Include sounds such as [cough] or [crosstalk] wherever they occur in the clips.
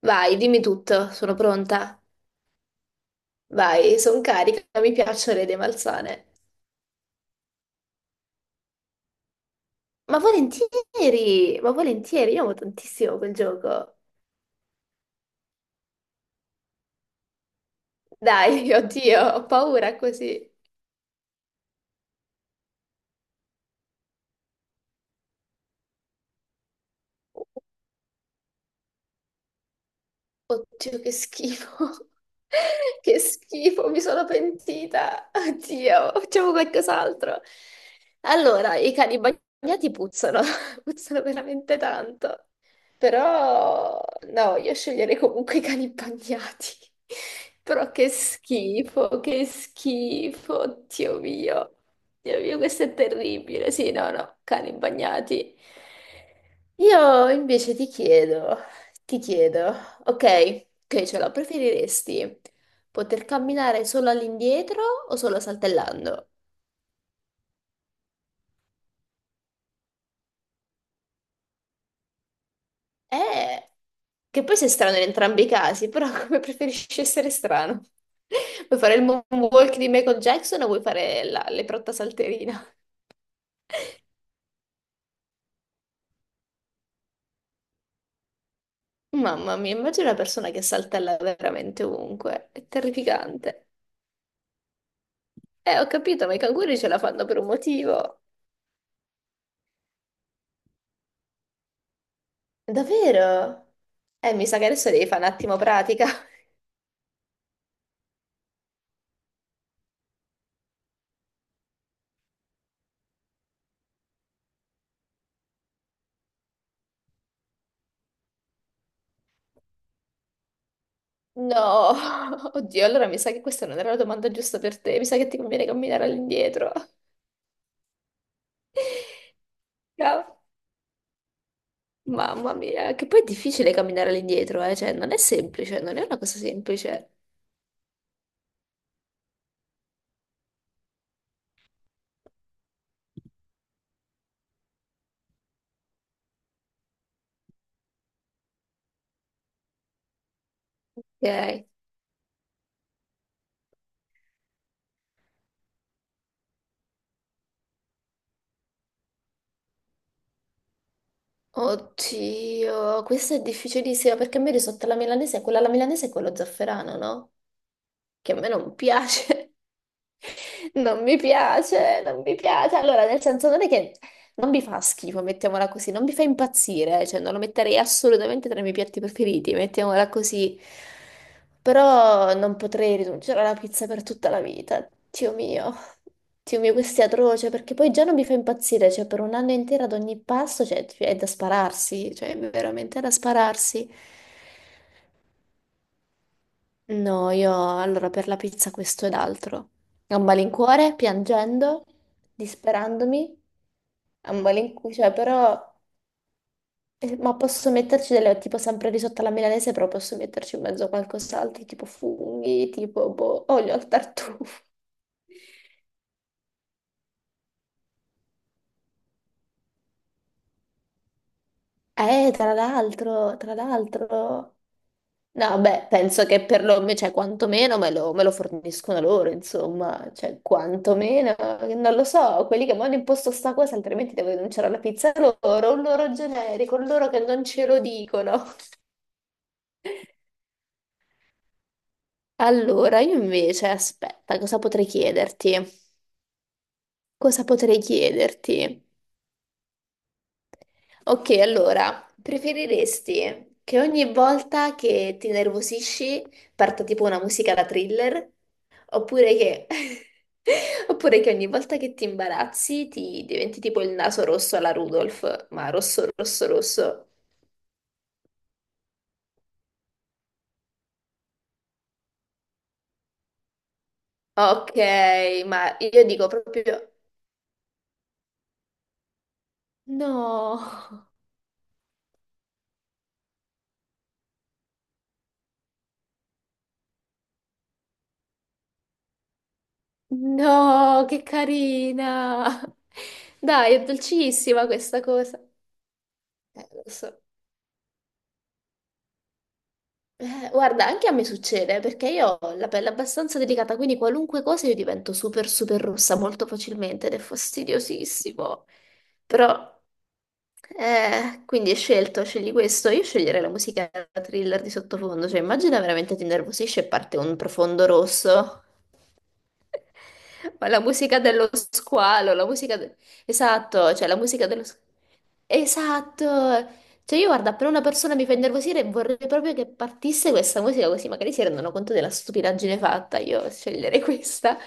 Vai, dimmi tutto, sono pronta. Vai, sono carica, mi piacciono le idee malsane. Ma volentieri, io amo tantissimo quel gioco. Dai, [laughs] oddio, ho paura così. Oddio, che schifo. [laughs] Che schifo, mi sono pentita. Oddio, facciamo qualcos'altro. Allora, i cani bagnati puzzano, [laughs] puzzano veramente tanto. Però, no, io sceglierei comunque i cani bagnati. [laughs] Però che schifo, oddio mio. Dio mio, questo è terribile. Sì, no, no, cani bagnati. Io invece ti chiedo, ti chiedo. Ok, ok, ce la preferiresti? Poter camminare solo all'indietro o solo saltellando? Eh, che poi sei strano in entrambi i casi, però [laughs] come preferisci essere strano? Vuoi fare il moonwalk di Michael Jackson o vuoi fare la leprotta salterina? Mamma mia, immagina una persona che saltella veramente ovunque. È terrificante. Ho capito, ma i canguri ce la fanno per un motivo. Davvero? Mi sa che adesso devi fare un attimo pratica. No, [laughs] oddio, allora mi sa che questa non era la domanda giusta per te, mi sa che ti conviene camminare all'indietro. [laughs] Ca- Mamma mia, che poi è difficile camminare all'indietro, eh? Cioè non è semplice, non è una cosa semplice. Ok. Oddio, questa è difficilissima perché a me risotto alla milanese, quella alla milanese è quello zafferano, no? Che a me non piace. [laughs] Non mi piace, non mi piace. Allora, nel senso non è che non mi fa schifo, mettiamola così, non mi fa impazzire, cioè non lo metterei assolutamente tra i miei piatti preferiti, mettiamola così. Però non potrei rinunciare alla pizza per tutta la vita. Dio mio, questo è atroce, perché poi già non mi fa impazzire, cioè per un anno intero ad ogni pasto, cioè, è da spararsi, cioè è veramente da spararsi. No, io allora per la pizza questo ed altro. A malincuore, piangendo, disperandomi, a malincuore, cioè però, ma posso metterci delle, tipo sempre risotto alla milanese, però posso metterci in mezzo a qualcos'altro, tipo funghi, tipo boh, olio al tartufo. [laughs] Tra l'altro, tra l'altro. No, beh, penso che cioè, quantomeno me lo forniscono loro, insomma, cioè, quantomeno, non lo so, quelli che mi hanno imposto sta cosa, altrimenti devo denunciare la pizza loro, un loro generico, un loro che non ce lo dicono. Allora, io invece, aspetta, cosa potrei chiederti? Cosa potrei chiederti? Ok, allora, preferiresti che ogni volta che ti nervosisci parta tipo una musica da thriller? Oppure che, [laughs] Oppure che ogni volta che ti imbarazzi ti diventi tipo il naso rosso alla Rudolph, ma rosso, rosso, rosso. Ok, ma io dico proprio no, no, che carina. [laughs] Dai, è dolcissima questa cosa. Lo so. Guarda, anche a me succede perché io ho la pelle abbastanza delicata, quindi qualunque cosa io divento super super rossa molto facilmente ed è fastidiosissimo. Però, quindi scegli questo. Io sceglierei la musica thriller di sottofondo, cioè immagina veramente ti innervosisce e parte un profondo rosso. [laughs] Ma la musica dello squalo. Esatto, cioè la musica dello squalo. Esatto, cioè io guarda, appena una persona mi fa innervosire vorrei proprio che partisse questa musica così magari si rendono conto della stupidaggine fatta, io sceglierei questa,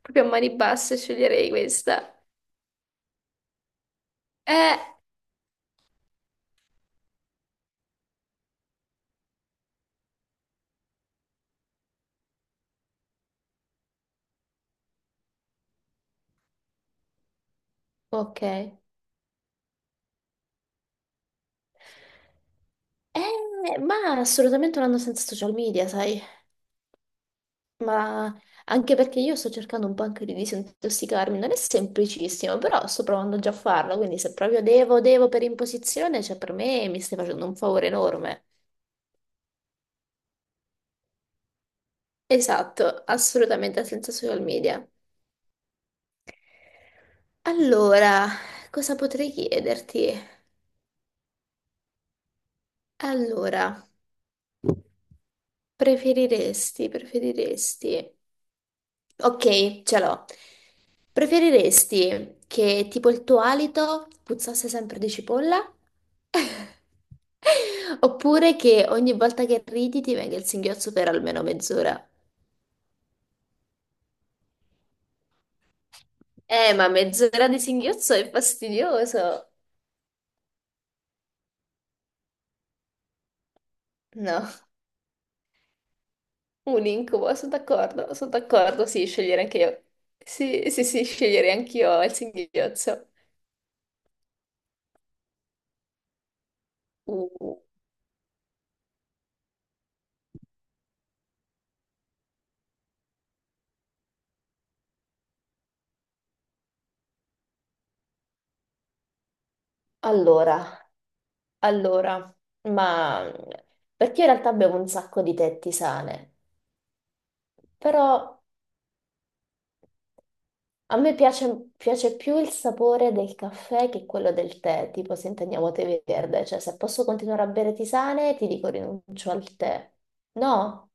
proprio a mani basse sceglierei questa. Eh, ok, ma assolutamente non andando senza social media, sai, ma anche perché io sto cercando un po' anche di disintossicarmi, non è semplicissimo, però sto provando già a farlo, quindi se proprio devo, per imposizione, cioè per me mi stai facendo un favore enorme. Esatto, assolutamente senza social media. Allora, cosa potrei chiederti? Allora, preferiresti. Ok, ce l'ho. Preferiresti che tipo il tuo alito puzzasse sempre di cipolla? [laughs] Oppure che ogni volta che ridi ti venga il singhiozzo per almeno mezz'ora? Ma mezz'ora di singhiozzo è fastidioso. No. Un incubo, sono d'accordo, sì, scegliere anche io. Sì, sì, sì, sceglierei anch'io il singhiozzo. Uh, allora, allora, ma perché io in realtà bevo un sacco di tè tisane, però a me piace più il sapore del caffè che quello del tè, tipo se intendiamo tè verde, cioè se posso continuare a bere tisane ti dico rinuncio al tè. No?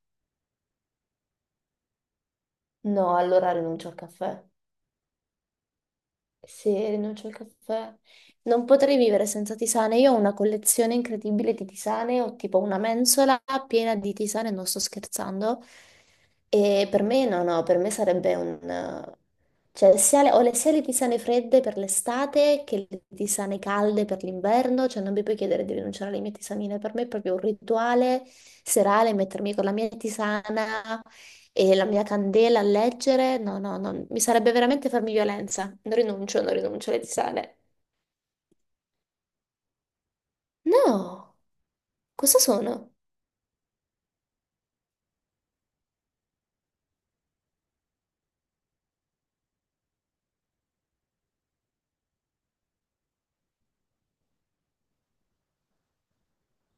No, allora rinuncio al caffè. Se rinuncio al caffè, non potrei vivere senza tisane. Io ho una collezione incredibile di tisane, ho tipo una mensola piena di tisane, non sto scherzando. E per me no, no, per me sarebbe un. Cioè, sia le tisane fredde per l'estate che le tisane calde per l'inverno, cioè non mi puoi chiedere di rinunciare alle mie tisanine, per me è proprio un rituale serale mettermi con la mia tisana, e la mia candela a leggere, no, no, no, mi sarebbe veramente farmi violenza. Non rinuncio, non rinuncio alle tisane. No, cosa sono?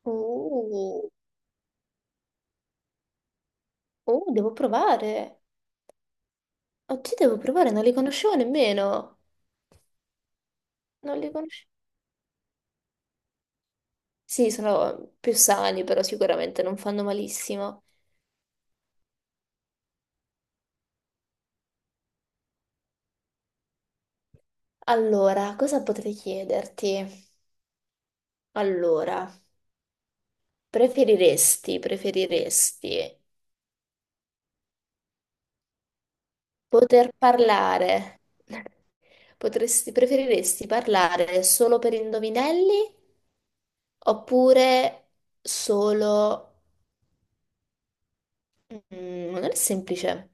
Oh, oh, devo provare. Oggi devo provare, non li conoscevo nemmeno. Non li conoscevo. Sì, sono più sani, però sicuramente non fanno malissimo. Allora, cosa potrei chiederti? Allora, preferiresti poter parlare? [laughs] Preferiresti parlare solo per indovinelli oppure solo. Non è semplice.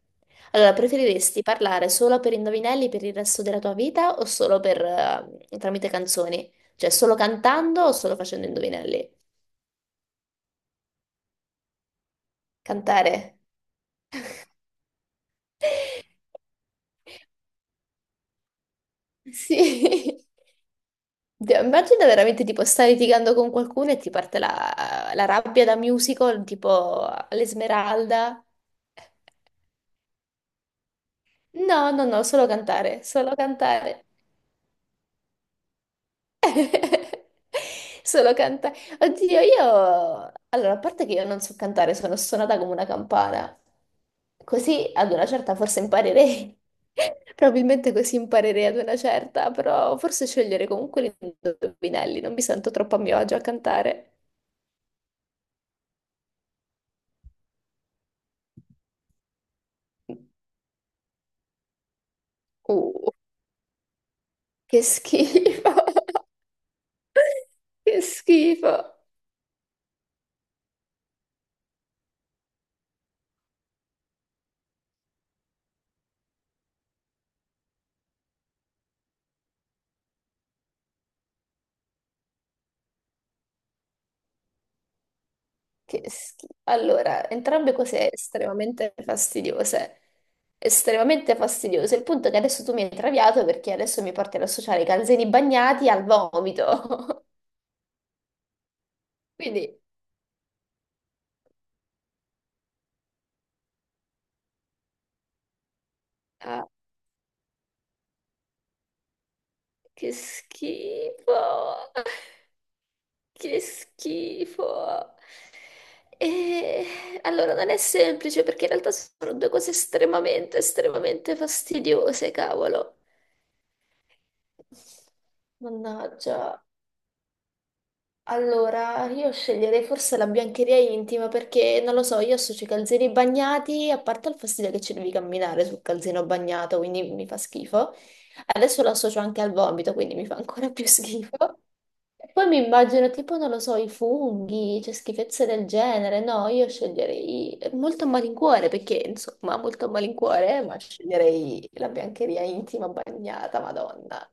Allora, preferiresti parlare solo per indovinelli per il resto della tua vita o solo per, tramite canzoni? Cioè, solo cantando o solo facendo indovinelli? Cantare. Sì. [laughs] Dio, immagina veramente tipo stai litigando con qualcuno e ti parte la rabbia da musical, tipo all'Esmeralda. No, no, no, solo cantare, solo cantare. [laughs] Solo cantare. Oddio. Allora, a parte che io non so cantare, sono suonata come una campana. Così ad una certa forse imparerei. [laughs] Probabilmente così imparerei ad una certa, però forse scegliere comunque gli indovinelli, non mi sento troppo a mio agio a cantare. Uh, che schifo. [laughs] Che schifo. Allora, entrambe cose estremamente fastidiose. Estremamente fastidiose. Il punto è che adesso tu mi hai traviato perché adesso mi porti ad associare i calzini bagnati al vomito. [laughs] Quindi, ah, che schifo! Che schifo! E allora non è semplice perché in realtà sono due cose estremamente, estremamente fastidiose, cavolo. Mannaggia. Allora, io sceglierei forse la biancheria intima perché, non lo so, io associo i calzini bagnati, a parte il fastidio che ci devi camminare sul calzino bagnato, quindi mi fa schifo. Adesso lo associo anche al vomito, quindi mi fa ancora più schifo. E poi mi immagino tipo, non lo so, i funghi, cioè schifezze del genere. No, io sceglierei molto a malincuore perché, insomma, molto a malincuore, ma sceglierei la biancheria intima bagnata, Madonna.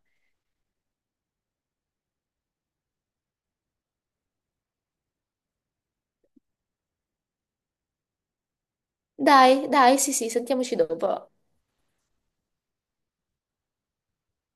Dai, dai, sì, sì, sentiamoci dopo.